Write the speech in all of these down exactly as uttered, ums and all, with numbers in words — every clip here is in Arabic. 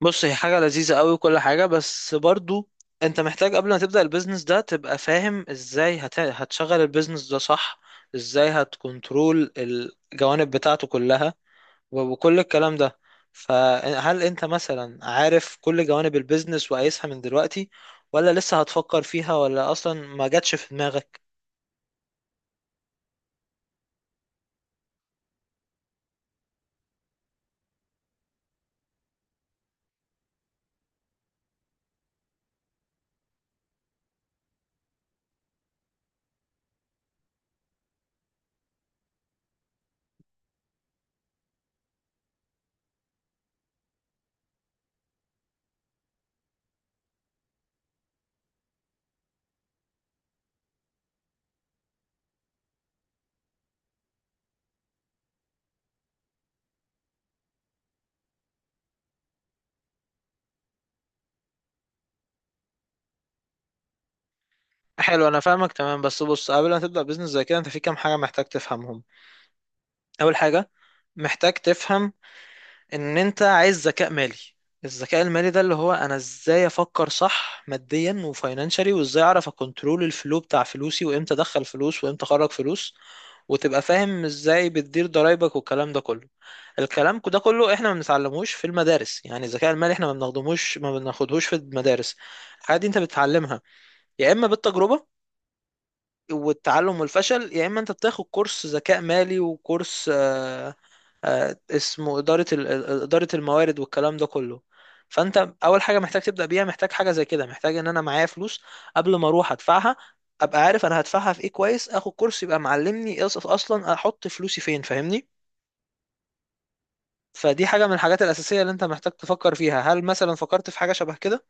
بص، هي حاجة لذيذة قوي وكل حاجة. بس برضو انت محتاج قبل ما تبدأ البيزنس ده تبقى فاهم ازاي هت... هتشغل البيزنس ده صح، ازاي هتكنترول الجوانب بتاعته كلها و- وكل الكلام ده. فهل انت مثلا عارف كل جوانب البيزنس وقايسها من دلوقتي، ولا لسه هتفكر فيها، ولا اصلا ما جاتش في دماغك؟ حلو، انا فاهمك تمام. بس بص، قبل ما تبدأ بيزنس زي كده انت في كام حاجة محتاج تفهمهم. اول حاجة محتاج تفهم ان انت عايز ذكاء مالي. الذكاء المالي ده اللي هو انا ازاي افكر صح، ماديا وفاينانشالي، وازاي اعرف اكنترول الفلو بتاع فلوسي، وامتى ادخل فلوس وامتى اخرج فلوس، وتبقى فاهم ازاي بتدير ضرايبك والكلام ده كله. الكلام ده كله احنا ما بنتعلموش في المدارس، يعني الذكاء المالي احنا ما بناخدهوش ما بناخدهوش في المدارس. الحاجات دي انت بتتعلمها يا اما بالتجربة والتعلم والفشل، يا اما انت بتاخد كورس ذكاء مالي وكورس آه، آه، اسمه إدارة ال- ال- إدارة الموارد والكلام ده كله. فأنت أول حاجة محتاج تبدأ بيها، محتاج حاجة زي كده، محتاج إن أنا معايا فلوس. قبل ما أروح أدفعها أبقى عارف أنا هدفعها في إيه كويس، آخد كورس يبقى معلمني إيه أص- أصلا أحط فلوسي فين، فاهمني؟ فدي حاجة من الحاجات الأساسية اللي أنت محتاج تفكر فيها. هل مثلا فكرت في حاجة شبه كده؟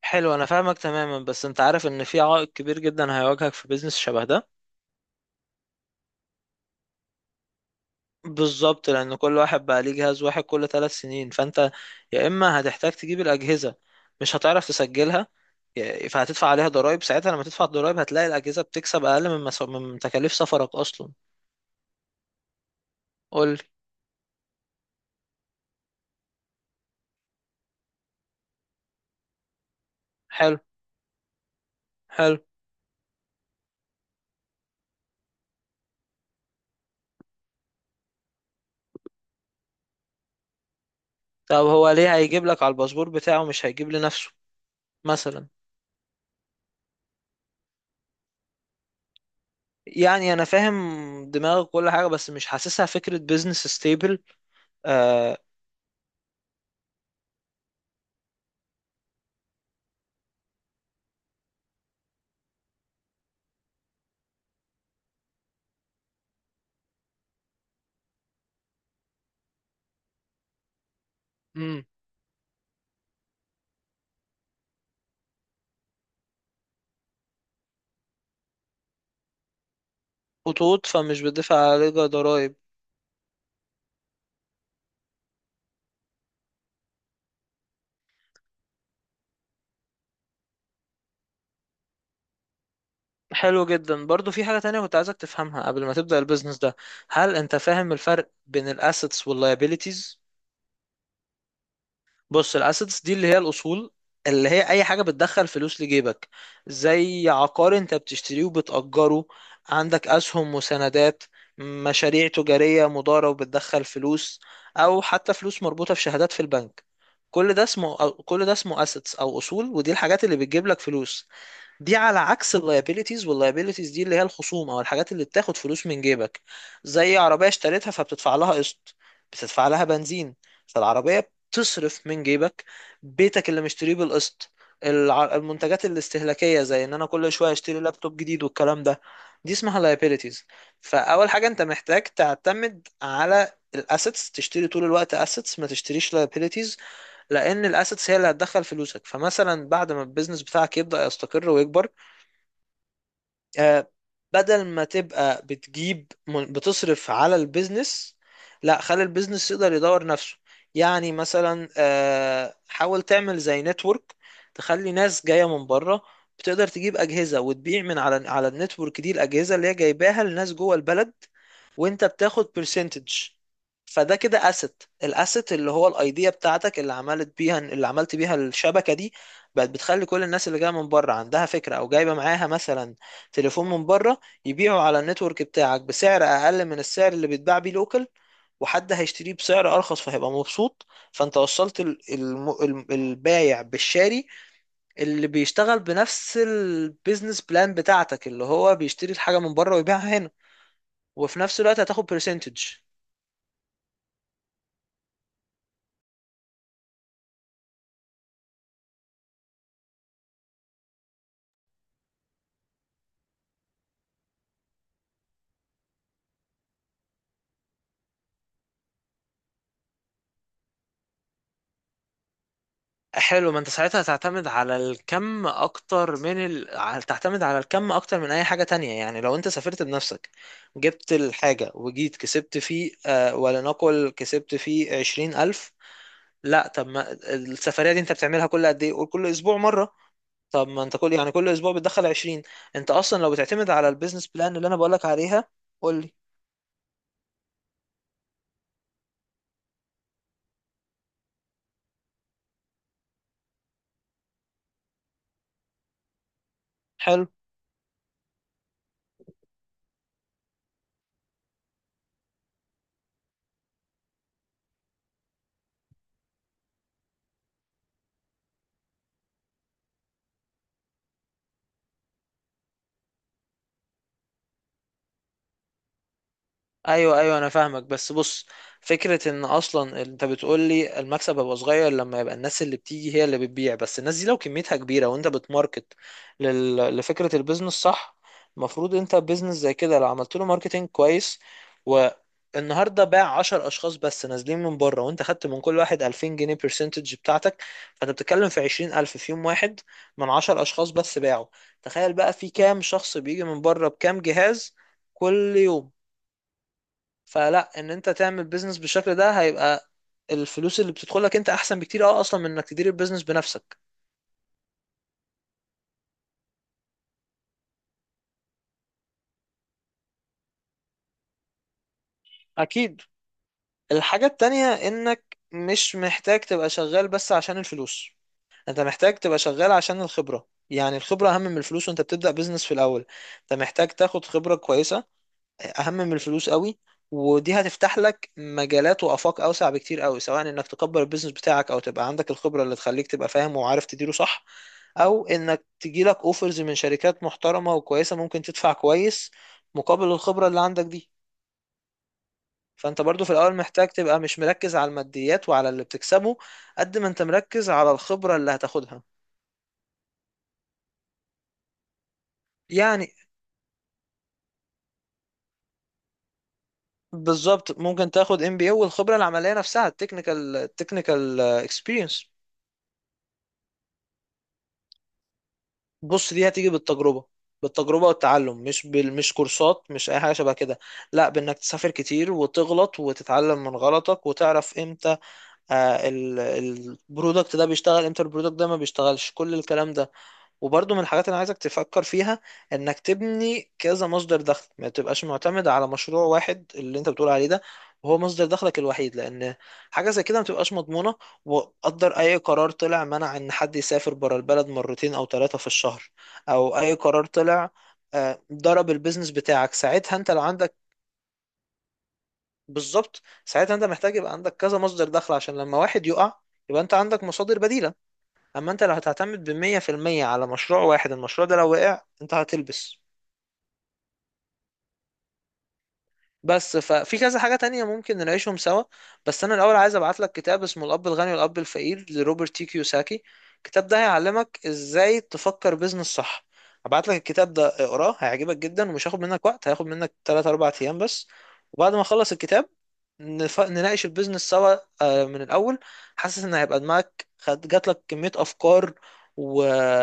حلو، أنا فاهمك تماما. بس أنت عارف إن في عائق كبير جدا هيواجهك في بيزنس شبه ده. بالظبط، لان كل واحد بقى ليه جهاز واحد كل ثلاث سنين، فانت يا اما هتحتاج تجيب الاجهزه، مش هتعرف تسجلها، يا- فهتدفع عليها ضرائب، ساعتها لما تدفع الضرائب هتلاقي الاجهزه بتكسب اقل من مس... من تكاليف سفرك اصلا. قول لي. حلو. حلو. طب هو ليه هيجيب لك على الباسبور بتاعه، مش هيجيب لنفسه؟ مثلا، يعني انا فاهم دماغك كل حاجه، بس مش حاسسها فكره بيزنس ستيبل. آه. امم. خطوط، فمش بتدفع عليها ضرائب. حلو جدا. برضو في حاجة تانية كنت عايزك تفهمها قبل ما تبدأ البيزنس ده. هل انت فاهم الفرق بين الاسيتس واللايبيليتيز؟ بص، الاسيتس دي اللي هي الاصول، اللي هي اي حاجة بتدخل فلوس لجيبك. زي عقار انت بتشتريه وبتأجره، عندك اسهم وسندات، مشاريع تجارية مضارة وبتدخل فلوس، او حتى فلوس مربوطة في شهادات في البنك. كل ده اسمه كل ده اسمه اسيتس او اصول، ودي الحاجات اللي بتجيب لك فلوس. دي على عكس اللايبيليتيز، واللايبيليتيز دي اللي هي الخصوم او الحاجات اللي بتاخد فلوس من جيبك. زي عربية اشتريتها فبتدفع لها قسط، بتدفع لها بنزين، فالعربية بتصرف من جيبك. بيتك اللي مشتريه بالقسط، الع- المنتجات الاستهلاكية زي ان انا كل شوية اشتري لابتوب جديد والكلام ده، دي اسمها liabilities. فاول حاجة انت محتاج تعتمد على الاسيتس، تشتري طول الوقت اسيتس ما تشتريش liabilities، لان الاسيتس هي اللي هتدخل فلوسك. فمثلا بعد ما البيزنس بتاعك يبدأ يستقر ويكبر، آه، بدل ما تبقى بتجيب من- بتصرف على البيزنس، لا، خلي البيزنس يقدر يدور نفسه. يعني مثلا آه، حاول تعمل زي نتورك، تخلي ناس جاية من بره بتقدر تجيب أجهزة وتبيع من على على النتورك دي الأجهزة اللي هي جايباها لناس جوه البلد، وانت بتاخد برسنتج. فده كده اسيت. الاسيت اللي هو الايديا بتاعتك اللي عملت بيها اللي عملت بيها الشبكه دي، بقت بتخلي كل الناس اللي جايه من بره عندها فكره او جايبه معاها مثلا تليفون من بره يبيعوا على النتورك بتاعك بسعر اقل من السعر اللي بيتباع بيه لوكال، وحد هيشتريه بسعر ارخص فهيبقى مبسوط. فانت وصلت ال- الم... ال- البايع بالشاري اللي بيشتغل بنفس البيزنس بلان بتاعتك، اللي هو بيشتري الحاجه من بره ويبيعها هنا، وفي نفس الوقت هتاخد برسنتج. حلو. ما انت ساعتها تعتمد على الكم اكتر من ال... على- تعتمد على الكم اكتر من اي حاجة تانية. يعني لو انت سافرت بنفسك، جبت الحاجة وجيت كسبت فيه، آه ولنقل كسبت فيه عشرين الف، لا، طب ما السفرية دي انت بتعملها كل قد ايه؟ قول كل اسبوع مرة، طب ما انت كل يعني كل اسبوع بتدخل عشرين. انت اصلا لو بتعتمد على البيزنس بلان اللي انا بقولك عليها. قول لي. حلو. ايوه ايوه، انا فاهمك. بس بص، فكره ان اصلا انت بتقول لي المكسب هيبقى صغير لما يبقى الناس اللي بتيجي هي اللي بتبيع. بس الناس دي لو كميتها كبيره وانت بتماركت لل... لفكره البيزنس صح، المفروض انت بيزنس زي كده لو عملت له ماركتنج كويس والنهارده باع عشرة اشخاص بس نازلين من بره، وانت خدت من كل واحد ألفين جنيه برسنتج بتاعتك، فانت بتتكلم في عشرين ألف في يوم واحد من عشرة اشخاص بس باعوا. تخيل بقى في كام شخص بيجي من بره بكام جهاز كل يوم. فلا، ان انت تعمل بيزنس بالشكل ده هيبقى الفلوس اللي بتدخلك انت احسن بكتير، اه، اصلا من انك تدير البيزنس بنفسك. اكيد. الحاجة التانية انك مش محتاج تبقى شغال بس عشان الفلوس، انت محتاج تبقى شغال عشان الخبرة. يعني الخبرة اهم من الفلوس، وانت بتبدأ بيزنس في الاول انت محتاج تاخد خبرة كويسة، اهم من الفلوس قوي. ودي هتفتح لك مجالات وافاق اوسع بكتير قوي، سواء انك تكبر البيزنس بتاعك او تبقى عندك الخبره اللي تخليك تبقى فاهم وعارف تديره صح، او انك تجيلك اوفرز من شركات محترمه وكويسه ممكن تدفع كويس مقابل الخبره اللي عندك دي. فانت برضو في الاول محتاج تبقى مش مركز على الماديات وعلى اللي بتكسبه، قد ما انت مركز على الخبره اللي هتاخدها. يعني بالظبط، ممكن تاخد ام بي اي والخبره العمليه نفسها، التكنيكال، التكنيكال اكسبيرينس. بص دي هتيجي بالتجربة، بالتجربة والتعلم، مش بال... مش كورسات مش أي حاجة شبه كده، لا، بإنك تسافر كتير وتغلط وتتعلم من غلطك وتعرف إمتى، آه ال... البرودكت ده بيشتغل، إمتى البرودكت ده ما بيشتغلش، كل الكلام ده. وبرضو من الحاجات اللي عايزك تفكر فيها انك تبني كذا مصدر دخل، ما تبقاش معتمد على مشروع واحد اللي انت بتقول عليه ده وهو مصدر دخلك الوحيد، لان حاجه زي كده ما تبقاش مضمونه. وقدر اي قرار طلع منع ان حد يسافر بره البلد مرتين او ثلاثه في الشهر، او اي قرار طلع آه، ضرب البيزنس بتاعك، ساعتها انت لو عندك، بالظبط، ساعتها انت محتاج يبقى عندك كذا مصدر دخل، عشان لما واحد يقع يبقى انت عندك مصادر بديلة. اما انت لو هتعتمد بمية في المية على مشروع واحد، المشروع ده لو وقع انت هتلبس. بس ففي كذا حاجة تانية ممكن نعيشهم سوا. بس أنا الأول عايز أبعت لك كتاب اسمه الأب الغني والأب الفقير، لروبرت تي كيوساكي. الكتاب ده هيعلمك إزاي تفكر بيزنس صح. هبعت لك الكتاب ده اقراه، هيعجبك جدا ومش هياخد منك وقت، هياخد منك ثلاثة أربعة أيام بس. وبعد ما أخلص الكتاب نف... نناقش البيزنس سوا، آه، من الأول. حاسس إن هيبقى دماغك خد... جات لك كمية أفكار، و...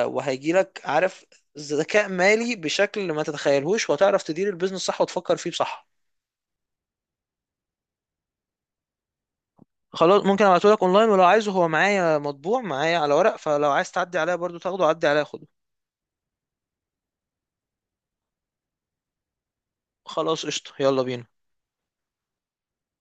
وهيجي لك، عارف، ذكاء مالي بشكل ما تتخيلهوش، وهتعرف تدير البيزنس صح وتفكر فيه بصح. خلاص، ممكن ابعته لك اونلاين، ولو عايزه هو معايا مطبوع معايا على ورق، فلو عايز تعدي عليا برضو تاخده، عدي عليا خده. خلاص قشطة، يلا بينا.